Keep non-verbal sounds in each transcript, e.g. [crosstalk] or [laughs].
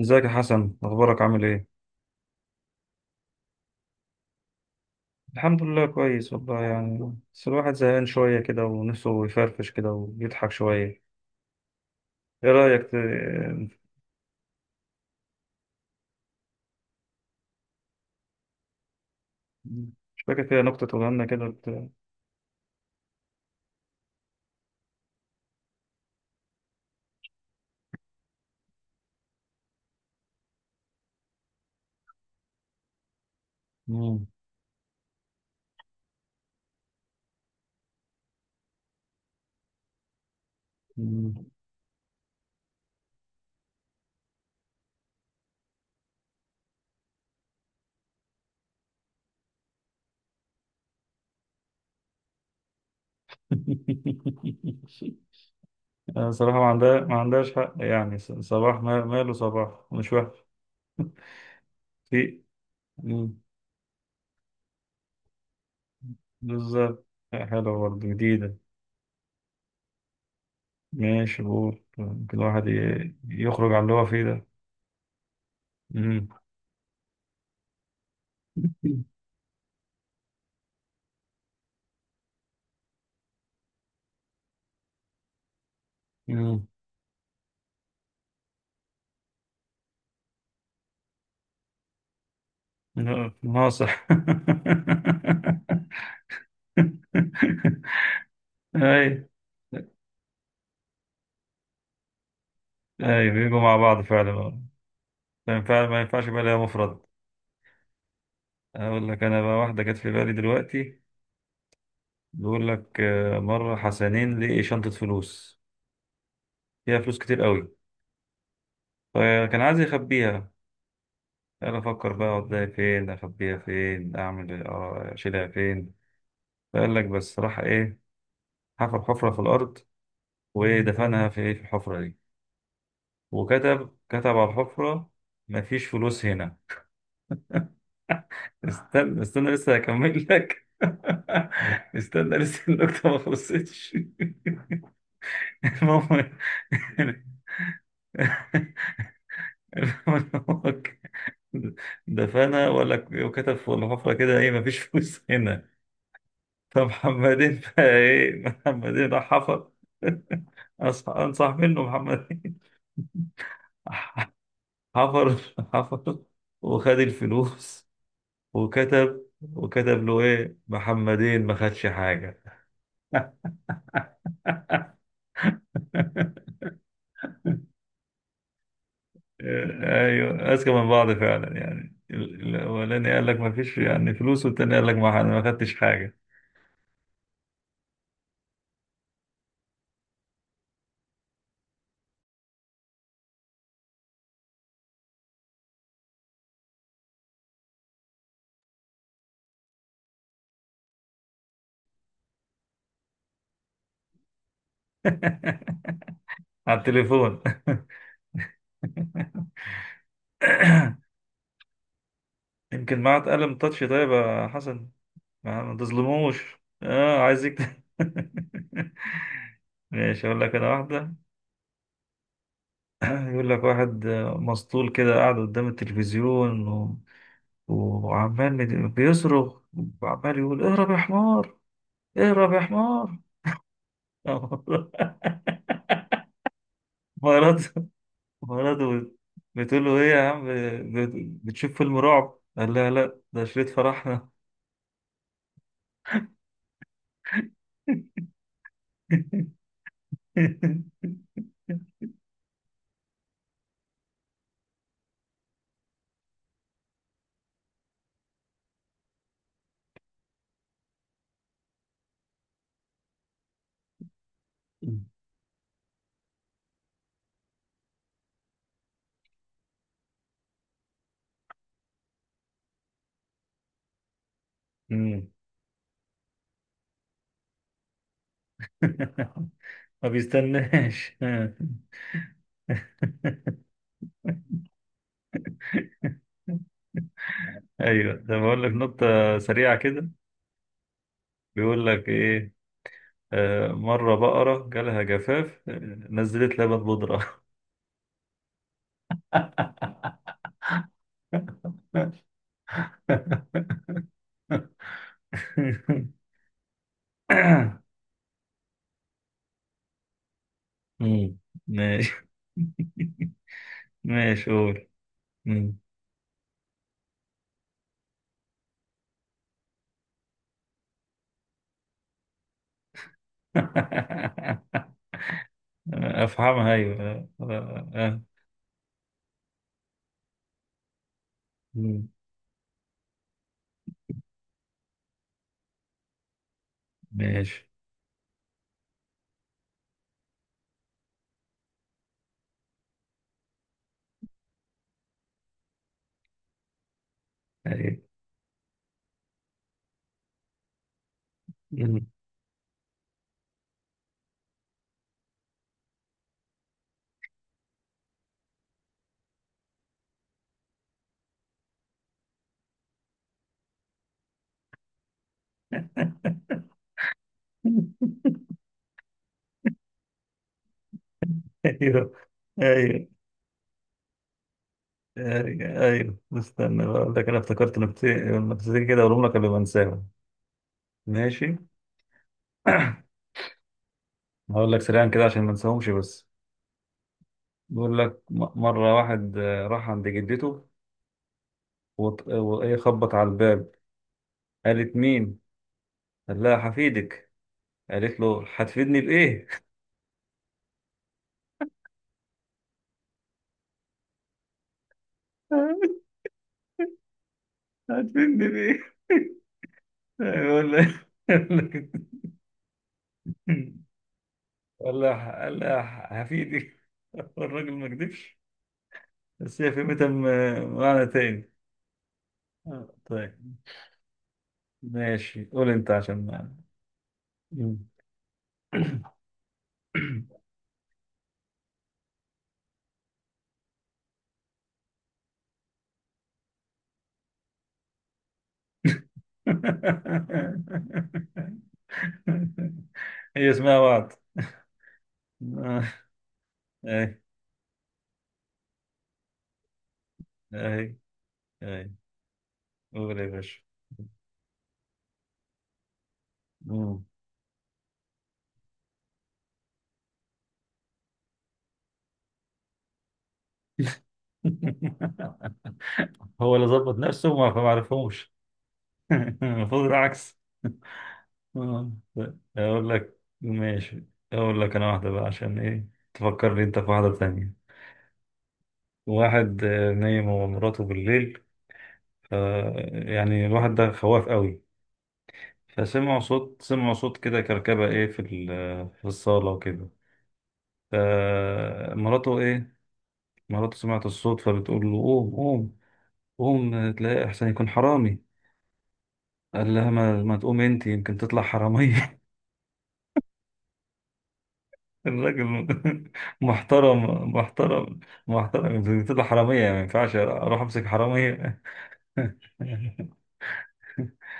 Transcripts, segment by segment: ازيك يا حسن؟ اخبارك؟ عامل ايه؟ الحمد لله، كويس والله. يعني بس الواحد زهقان شويه كده، ونفسه يفرفش كده ويضحك شويه. ايه رايك مش فاكر كده نكته تقولها لنا كده؟ مم. مم. [laughs] أنا صراحه ما عندهاش حق. يعني صباح، ماله صباح؟ مش وحش. [laughs] في. مم. بالظبط، حلوه برضه، جديده. ماشي قول، يمكن الواحد يخرج عن اللي هو فيه ده. مم. [laughs] مم. لا، ناصح. [laughs] اي، اي، بيجوا مع بعض فعلا. آه. فعلا فعلا، ما ينفعش يبقى ليها مفرد. اقول لك انا بقى واحده جت في بالي دلوقتي. بيقول لك، مره حسنين لقي شنطه فلوس، فيها فلوس كتير قوي، فكان عايز يخبيها. قال: افكر بقى اوديها فين، اخبيها فين، اعمل اشيلها فين. فقال لك بس راح ايه؟ حفر حفره في الارض، ودفنها في الحفره دي، وكتب على الحفرة: مفيش فلوس هنا. استنى استنى، لسه هكمل لك. [laughs] استنى، لسه النكتة ما خلصتش. [laughs] المهم، المهم إن هو دفنها، ولا وكتب في الحفرة كده ايه: مفيش فلوس هنا. فمحمدين [laughs] بقى، ايه؟ محمدين راح حفر. [laughs] انصح منه محمدين. [laughs] حفر، حفر، وخد الفلوس، وكتب، وكتب له ايه: محمدين ما خدش حاجة. [laughs] ايوه، اذكى من بعض فعلا. يعني الاولاني قال لك: ما فيش يعني فلوس، والتاني قال لك: ما انا ما خدتش حاجة. [laughs] على التليفون. [coughs] يمكن معاه قلم تاتش. طيب يا حسن، ما تظلموش. اه، عايز يكتب. [laughs] ماشي، اقول لك انا واحدة. [clears throat] يقول لك واحد مسطول كده، قاعد قدام التلفزيون، وعمال بيصرخ، وعمال يقول: اهرب يا حمار، اهرب يا حمار. [laughs] مراته، مراته بتقول له: ايه يا عم، بتشوف فيلم رعب؟ قال لها: لا، ده شريط فرحنا. مم. [laughs] ما بيستناش. ايوه، ده بقول لك نقطة سريعة كده. بيقول لك ايه، مرة بقرة جالها جفاف، نزلت لبن بودرة. [laughs] [laughs] مم. ماشي، ماشي قول. مم. [laughs] افهمها، ايوه. آه. آه. مم. ماشي. ايوه. مم. [laughs] ايوه، ايوه، ايوه، ايوه، استنى بقى اقول لك انا، افتكرت نكتتين، نكتتين كده اقولهم لك قبل ما انساهم. ماشي. [clears throat] هقول لك سريعا كده عشان ما انساهمش بس. بيقول لك مرة واحد، راح عند جدته، وط- وإيه خبط على الباب. قالت: مين؟ لا، هفيدك. قالت له: هتفيدني بإيه؟ [laughs] هتفيدني بإيه؟ [laughs] يقول لها، قال لها: [laughs] هفيدك. الراجل ما كدبش، بس هي فهمتها معنى تاني. آه، طيب، ماشي قول انت عشان ما. [laughs] هي اسمها وعد. [laughs] آه. اي، اي، اي، قول يا باشا. مم. [laughs] هو اللي ظبط نفسه وما ما عرفهمش. [laughs] المفروض العكس. آه، اقول لك، ماشي، اقول لك انا واحده بقى، عشان ايه تفكرني انت في واحده تانية. واحد نايم هو ومراته بالليل، ف يعني الواحد ده خواف قوي. فسمعوا صوت، سمعوا صوت كده، كركبه في في الصاله وكده. فمراته مراته سمعت الصوت، فبتقول له: قوم قوم، قوم تلاقي احسن يكون حرامي. قال لها: ما تقوم انت، يمكن تطلع حراميه. [laughs] الراجل، [laughs] محترم محترم. محترم، طلع حرامية، يعني ما ينفعش أروح أمسك حرامية. [laughs]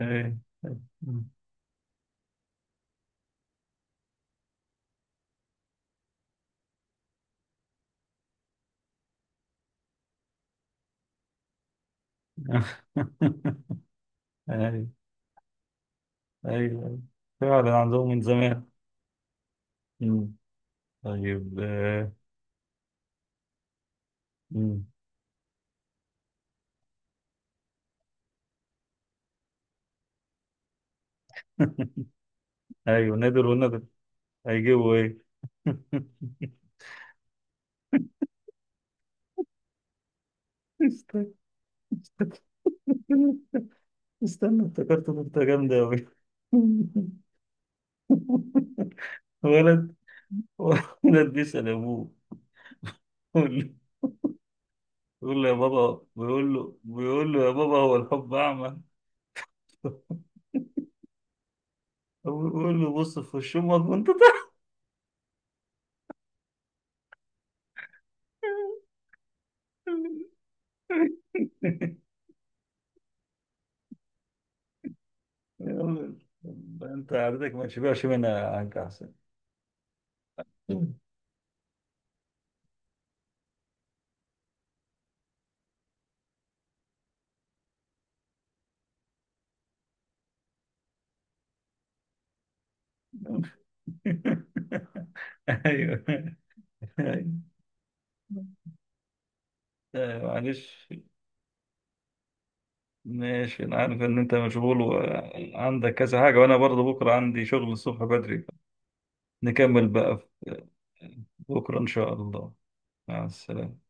أيوة، أيوة، أيوة. فعلا عندهم من زمان. مم. طيب. آه. مم. [laughs] أيوة، نادر ونادر، هيجيبوا إيه؟ [laughs] استنى، استنى، افتكرت نكتة جامدة أوي. [laughs] ولد، ولد بيسأل أبوه، بيقول له: يا بابا، بيقول له: يا بابا، هو الحب أعمى؟ [laughs] بيقول له: بص في وش أمك وأنت طالع. [laughs] يلا، أنت عادتك ما تشبعش منها، عنك أحسن. [laughs] أيوه، أيوه، أيوه، معلش. ماشي، أنا عارف إن أنت مشغول وعندك كذا حاجة، وأنا برضه بكرة عندي شغل الصبح بدري. نكمل بقى. في- بكرة إن شاء الله. مع السلامة.